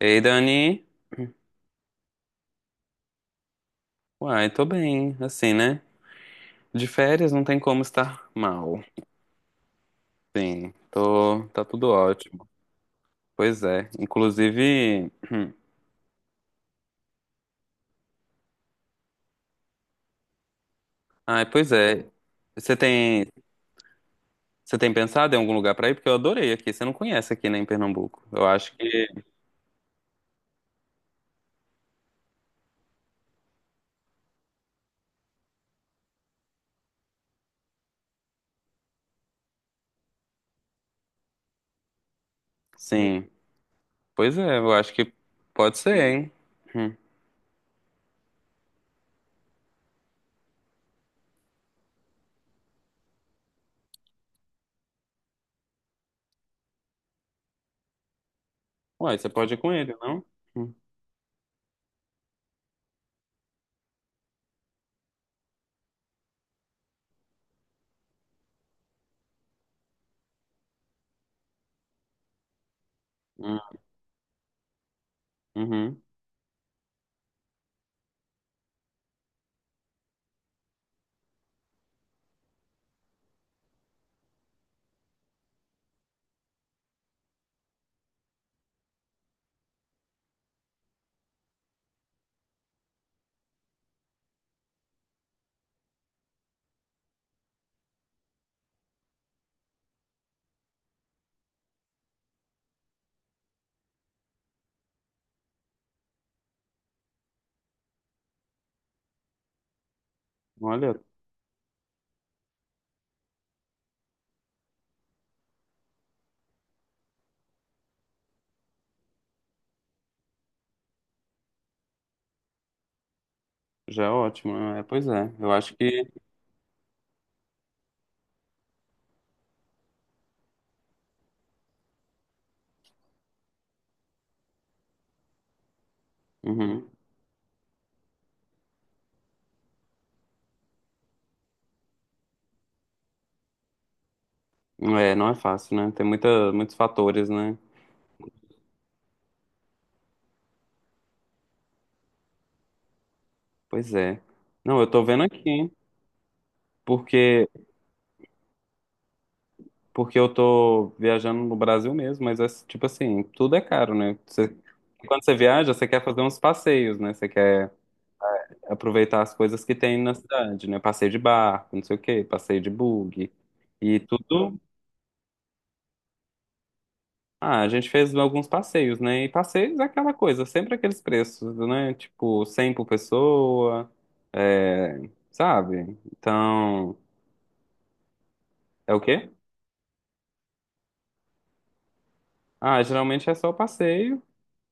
Ei, Dani. Tô bem, assim, né? De férias não tem como estar mal. Sim, tô, tá tudo ótimo. Pois é. Inclusive, ai, pois é. Você tem, Você tem pensado em algum lugar pra ir? Porque eu adorei aqui. Você não conhece aqui, né, em Pernambuco. Sim. Pois é, eu acho que pode ser, hein? Hum. Uai, você pode ir com ele, não? Hum. Hum, uhum. Olha, já é ótimo. É, pois é. Eu acho que. Uhum. É, não é fácil, né? Tem muitos fatores, né? Pois é. Não, eu tô vendo aqui, hein? Porque, Porque eu tô viajando no Brasil mesmo, mas é tipo assim, tudo é caro, né? Quando você viaja, você quer fazer uns passeios, né? Você quer aproveitar as coisas que tem na cidade, né? Passeio de barco, não sei o quê, passeio de bug. E tudo. Ah, a gente fez alguns passeios, né? E passeios é aquela coisa, sempre aqueles preços, né? Tipo, 100 por pessoa, é, sabe? Então. É o quê? Ah, geralmente é só passeio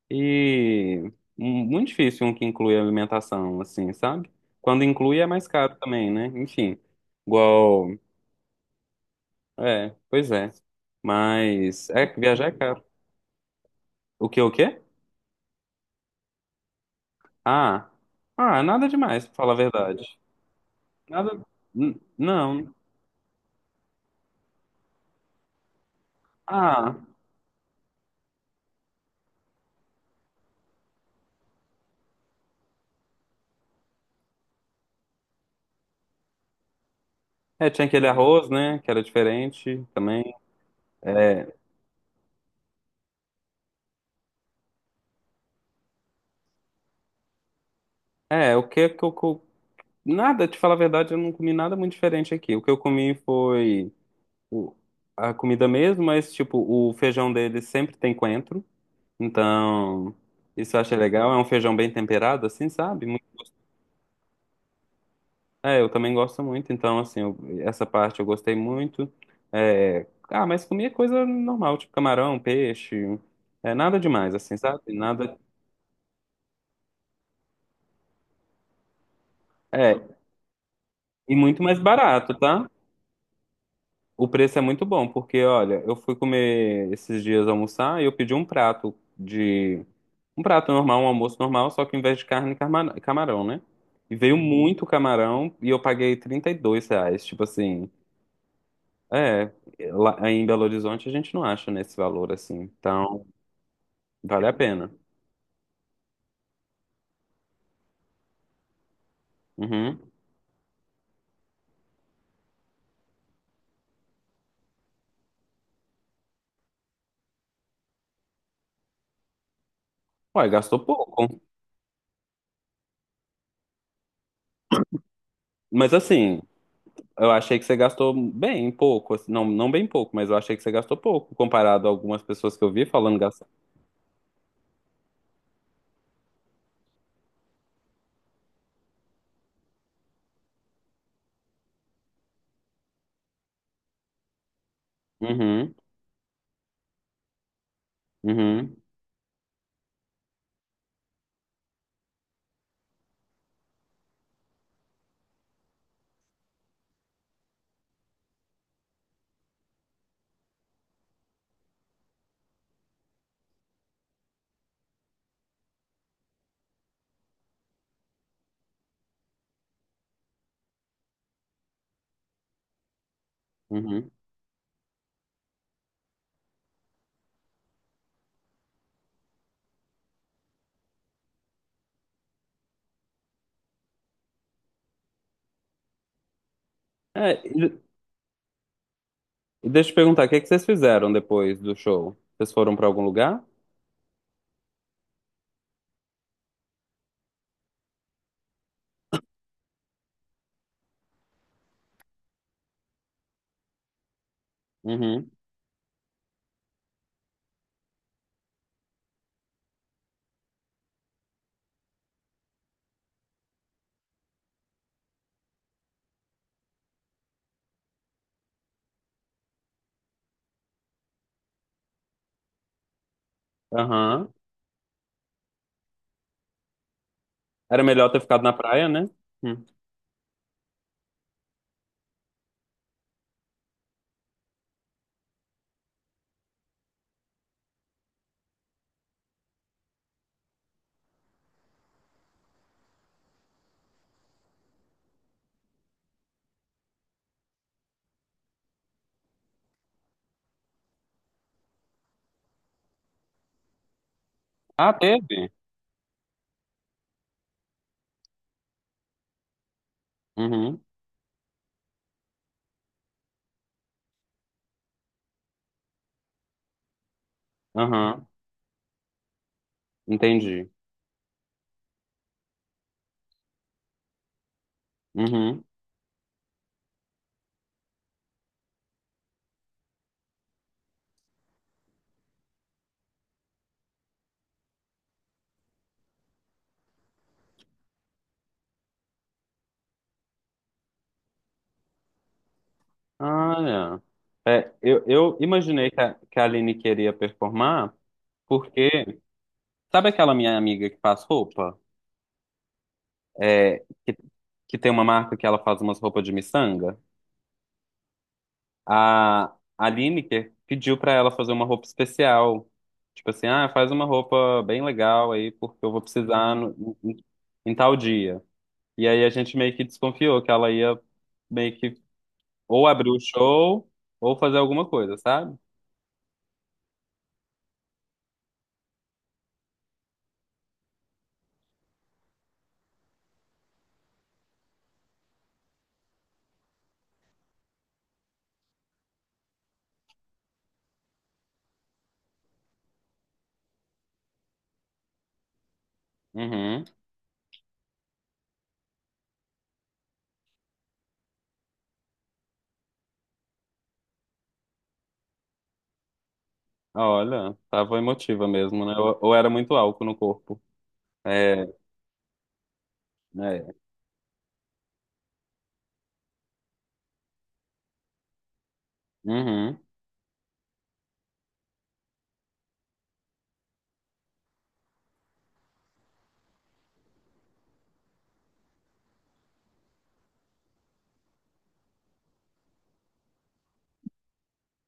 e muito difícil um que inclui alimentação, assim, sabe? Quando inclui é mais caro também, né? Enfim, igual. É, pois é. Mas é que viajar é caro. O quê? Ah, ah, nada demais, pra falar a verdade. Nada. Não. Ah, é, tinha aquele arroz, né? Que era diferente também. É, é, o que que eu. Co- Nada, te falar a verdade, eu não comi nada muito diferente aqui. O que eu comi foi. O- A comida mesmo, mas tipo, o feijão deles sempre tem coentro. Então, isso eu achei legal. É um feijão bem temperado, assim, sabe? É, eu também gosto muito. Então, assim, essa parte eu gostei muito. É, ah, mas comia coisa normal, tipo camarão, peixe. É nada demais, assim, sabe? Nada. É, e muito mais barato, tá? O preço é muito bom, porque olha, eu fui comer esses dias almoçar e eu pedi um prato de. um prato normal, um almoço normal, só que em vez de carne, camarão, né? E veio muito camarão e eu paguei R$ 32. Tipo assim, é. Lá em Belo Horizonte a gente não acha nesse valor assim. Então, vale a pena. Uhum. Ué, gastou pouco. Mas assim, eu achei que você gastou bem pouco. Assim, não, não bem pouco, mas eu achei que você gastou pouco comparado a algumas pessoas que eu vi falando gastar. Uhum. Uhum, uhum. É, e e deixa eu te perguntar, o que é que vocês fizeram depois do show? Vocês foram pra algum lugar? Uhum, aham. Era melhor ter ficado na praia, né? Hum. Ah, teve? Uhum, aham. Entendi. Uhum. Ah, é. Eu imaginei que que a Aline queria performar, porque sabe aquela minha amiga que faz roupa? É, que, que tem uma marca que ela faz umas roupas de miçanga? A Lineker pediu pra ela fazer uma roupa especial. Tipo assim, ah, faz uma roupa bem legal aí, porque eu vou precisar em tal dia. E aí a gente meio que desconfiou que ela ia meio que ou abrir o show ou fazer alguma coisa, sabe? Uhum. Olha, tava emotiva mesmo, né? Ou era muito álcool no corpo. É, é. Uhum.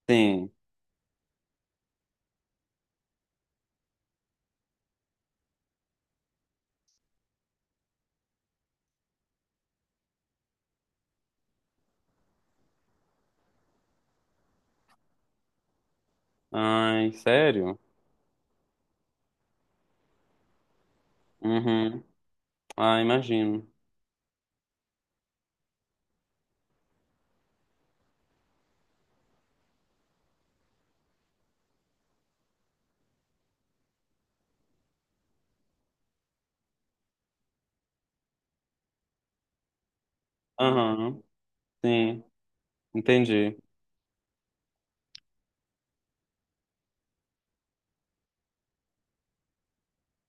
Sim. Ai, sério? Uhum. Ah, imagino. Aham, sim, entendi.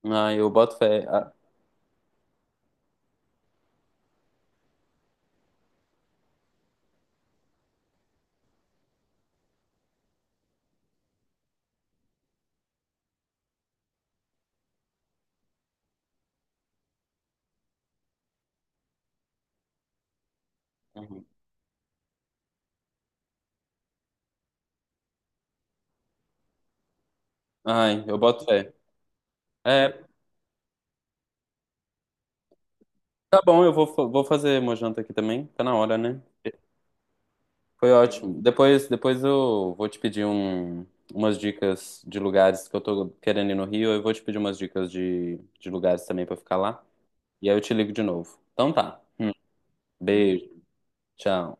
Ai, eu boto fé. Ah, uhum. Ai, eu boto fé. É, tá bom, eu vou, vou fazer uma janta aqui também. Tá na hora, né? Foi ótimo. Depois eu vou te pedir umas dicas de lugares que eu tô querendo ir no Rio. Eu vou te pedir umas dicas de lugares também pra ficar lá. E aí eu te ligo de novo. Então tá. Beijo. Tchau.